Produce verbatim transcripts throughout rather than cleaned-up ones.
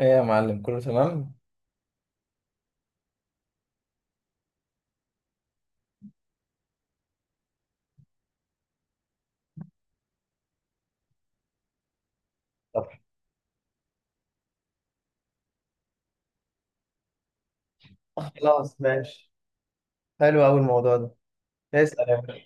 ايه يا معلم، كله تمام. طب خلاص ماشي. حلو أوي الموضوع ده. اسأل يا باشا.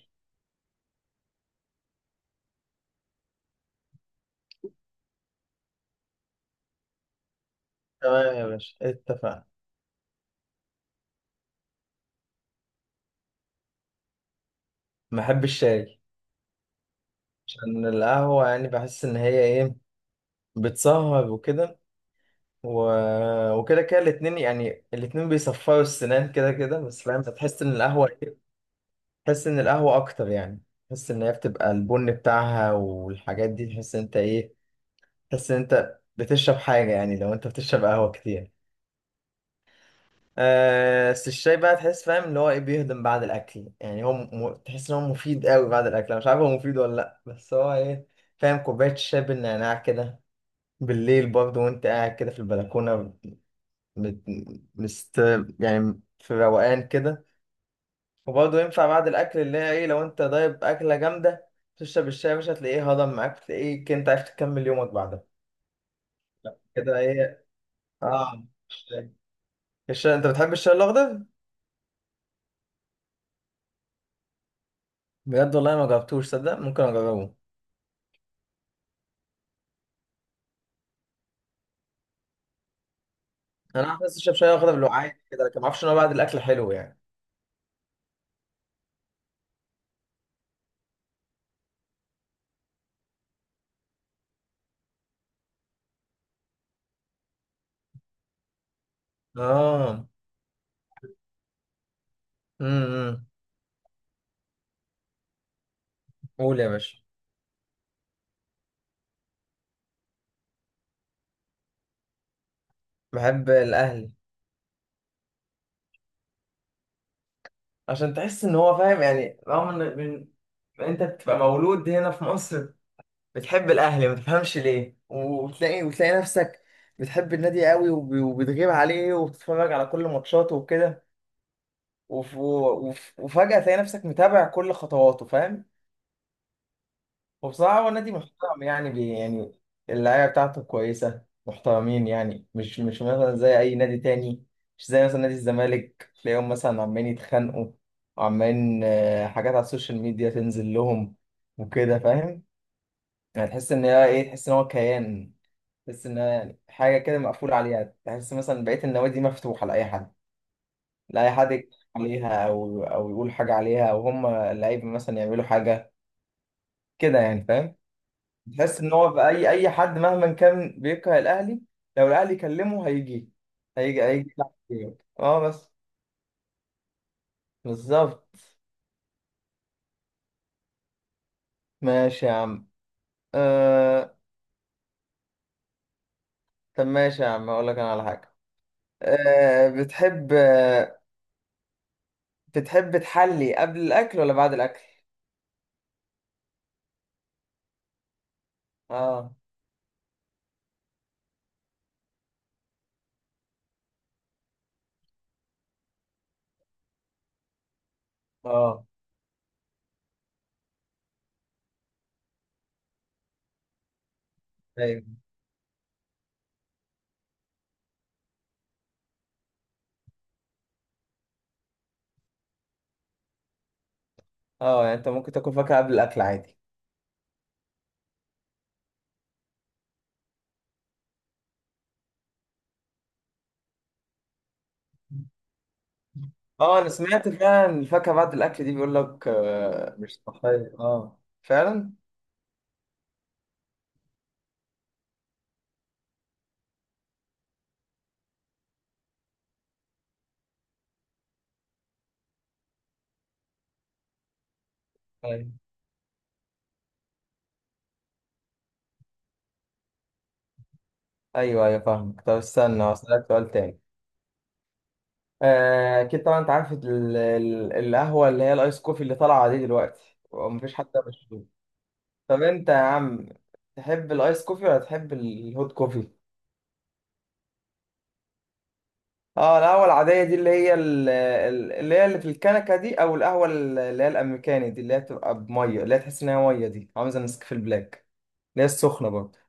تمام يا باشا، اتفقنا. بحب الشاي. عشان القهوة يعني بحس ان هي ايه، بتسهر وكده و... وكده كده الاتنين، يعني الاتنين بيصفروا السنان كده كده، بس فاهم بتحس ان القهوة ايه، تحس ان القهوة اكتر يعني. تحس ان هي بتبقى البن بتاعها والحاجات دي، تحس ان انت ايه، تحس ان انت بتشرب حاجة يعني لو انت بتشرب قهوة كتير. آه، بس الشاي بقى تحس فاهم اللي هو ايه، بيهضم بعد الاكل يعني. هو م... تحس ان هو مفيد قوي بعد الاكل. انا مش عارف هو مفيد ولا لا، بس هو ايه، فاهم، كوبايه الشاي بالنعناع كده بالليل برضه وانت قاعد كده في البلكونه، مت... مست يعني في روقان كده. وبرضه ينفع بعد الاكل، اللي هي ايه، لو انت ضايب اكله جامده تشرب الشاي مش هتلاقيه هضم معاك، تلاقيك انت عرفت تكمل يومك بعدها. كده ايه، اه الشاي، الشاي- انت بتحب الشاي الاخضر. بجد والله ما جربتوش، صدق ممكن اجربه. انا عارف، بس اشرب شاي واخدها بالوعاء كده، لكن ما اعرفش ان هو بعد الاكل حلو يعني. اه. امم إمم. قول يا باشا. بحب الاهلي. عشان تحس ان هو فاهم يعني، رغم ان من... انت بتبقى مولود هنا في مصر، بتحب الاهلي ما تفهمش ليه، وتلاقي وتلاقي نفسك بتحب النادي قوي، وب... وبتغيب عليه وبتتفرج على كل ماتشاته وكده، وف... وف... وفجأة تلاقي نفسك متابع كل خطواته، فاهم. وبصراحة هو نادي محترم يعني، بي يعني اللعيبة بتاعته كويسة محترمين يعني، مش مش مثلا زي أي نادي تاني. مش زي مثلا نادي الزمالك، تلاقيهم مثلا عمالين يتخانقوا وعمالين آه، حاجات على السوشيال ميديا تنزل لهم وكده، فاهم. يعني تحس إن هي إيه، تحس إن هو كيان، تحس إن هي يعني حاجة كده مقفولة عليها. تحس مثلا بقية النوادي مفتوحة لأي حد، لأي حد يتكلم عليها أو أو يقول حاجة عليها، أو هم اللعيبة مثلا يعملوا حاجة كده يعني، فاهم. تحس ان هو في اي اي حد مهما كان بيكره الاهلي، لو الاهلي كلمه هيجي، هيجي هيجي يلعب فيه. اه بس. بالظبط. ماشي يا عم. آه... طب ماشي يا عم اقول لك انا على حاجه. آه... بتحب آه، بتحب تحلي قبل الاكل ولا بعد الاكل. اه. اه. ايوه. اه يعني انت ممكن تاكل فاكهه قبل الاكل عادي. اه انا سمعت فعلا، الفاكهه بعد الاكل دي بيقول لك آه... مش صحيه، اه فعلا. أيوة. ايوه ايوه فاهمك. طب استنى هسألك سؤال تاني. آه، اكيد طبعا، انت عارف ال- ال- القهوه اللي هي الايس كوفي اللي طالعه دي دلوقتي ومفيش حد مشروب. طب انت يا عم تحب الايس كوفي ولا تحب الهوت كوفي؟ اه القهوه العاديه دي، اللي هي ال- ال- اللي هي اللي في الكنكه دي، او القهوه ال- اللي هي الامريكاني دي، اللي هي بتبقى بميه، اللي هي تحس ان هي ميه دي، عامله زي النسكافيه البلاك اللي هي السخنه برضه.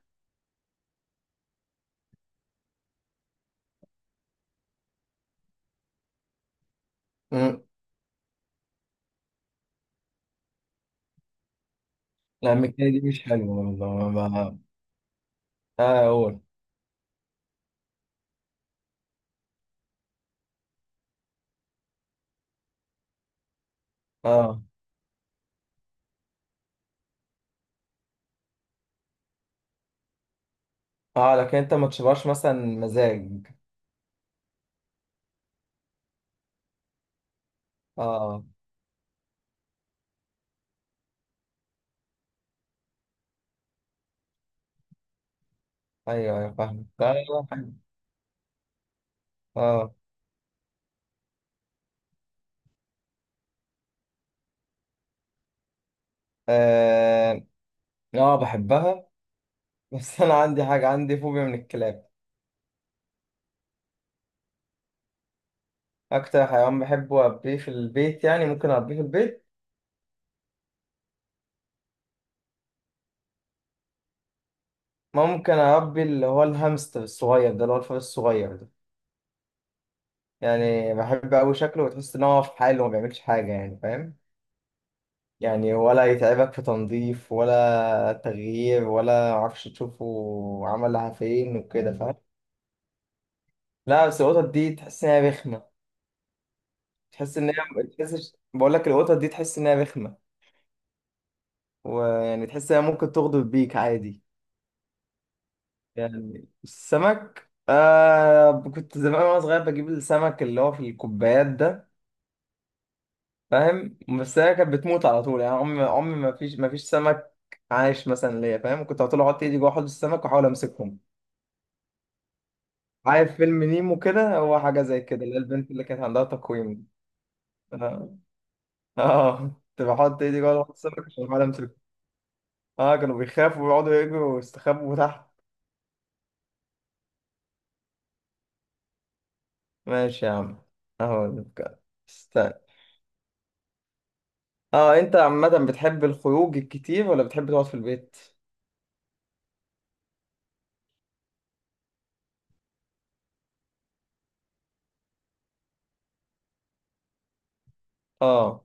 امم. الامريكاني دي مش حلوه، والله ما-. اه قول. اه. اه لكن انت ما تشبهش مثلا مزاج. اه. ايوه ايوه فاهم اه. اه. اه. آه، بحبها. بس انا عندي حاجه، عندي فوبيا من الكلاب. اكتر حيوان بحبه اربيه في البيت يعني، ممكن اربيه في البيت، ممكن اربي اللي هو الهامستر الصغير ده، اللي هو الفار الصغير ده. يعني بحب قوي شكله، وتحس ان هو في حاله وما بيعملش حاجه يعني، فاهم. يعني ولا يتعبك في تنظيف ولا تغيير ولا معرفش تشوفه عملها فين وكده، فاهم. لا بس القطط دي تحس انها رخمه. تحس ان هي، تحس، بقول لك القطط دي تحس انها رخمه، ويعني تحس انها ممكن تغدر بيك عادي. يعني السمك آه، كنت زمان وانا صغير بجيب السمك اللي هو في الكوبايات ده، فاهم. بس هي كانت بتموت على طول يعني، عمري عمري ما فيش ما فيش سمك عايش مثلا ليا، فاهم. كنت على طول احط ايدي جوه حوض السمك واحاول امسكهم. عارف فيلم نيمو كده، هو حاجه زي كده، اللي هي البنت اللي كانت عندها تقويم. اه. آه. كنت بحط ايدي جوه حوض السمك عشان احاول امسك. اه كانوا بيخافوا ويقعدوا يجروا ويستخبوا تحت. ماشي يا عم. اهو ده بجد. استنى. اه انت عامة بتحب الخروج الكتير ولا بتحب تقعد في البيت؟ اه.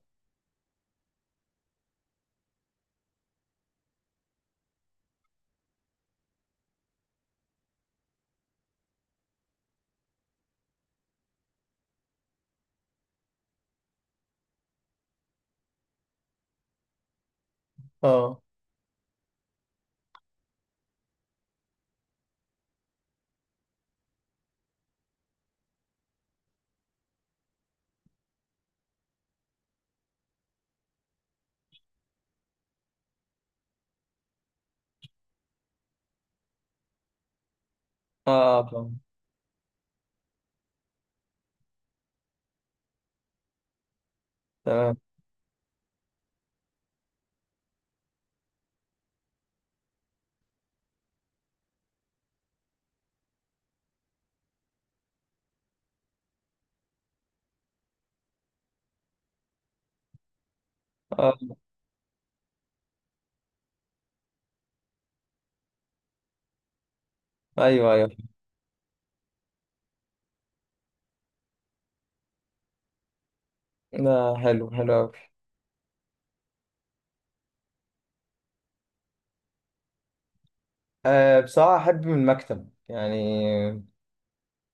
اه. اه. اه طبعا. تمام. اه. ايوه ايوه. لا حلو، حلو اوي. آه بصراحة احب من المكتب يعني.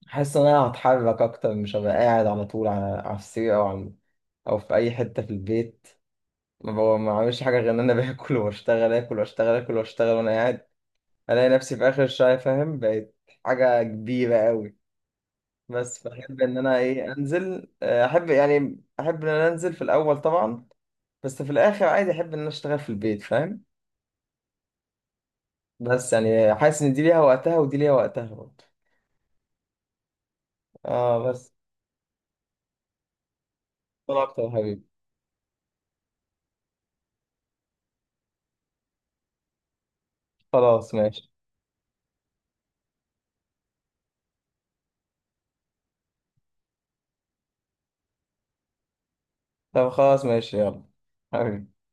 حاسس ان انا هتحرك اكتر، مش هبقى قاعد على طول على, على السرير او على، او في اي حتة في البيت. ما بقى- ما بعملش حاجة غير ان انا باكل واشتغل، اكل واشتغل، اكل واشتغل وانا قاعد. الاقي نفسي في اخر الشهر، فاهم، بقت حاجه كبيره قوي. بس بحب ان انا ايه، انزل، آه، احب يعني، احب ان انا انزل في الاول طبعا، بس في الاخر عادي احب ان انا اشتغل في البيت، فاهم. بس يعني حاسس ان دي ليها وقتها ودي ليها وقتها برضه. اه بس. طلع اكتر يا حبيبي. خلاص ماشي. طب خلاص ماشي يلا حبيبي.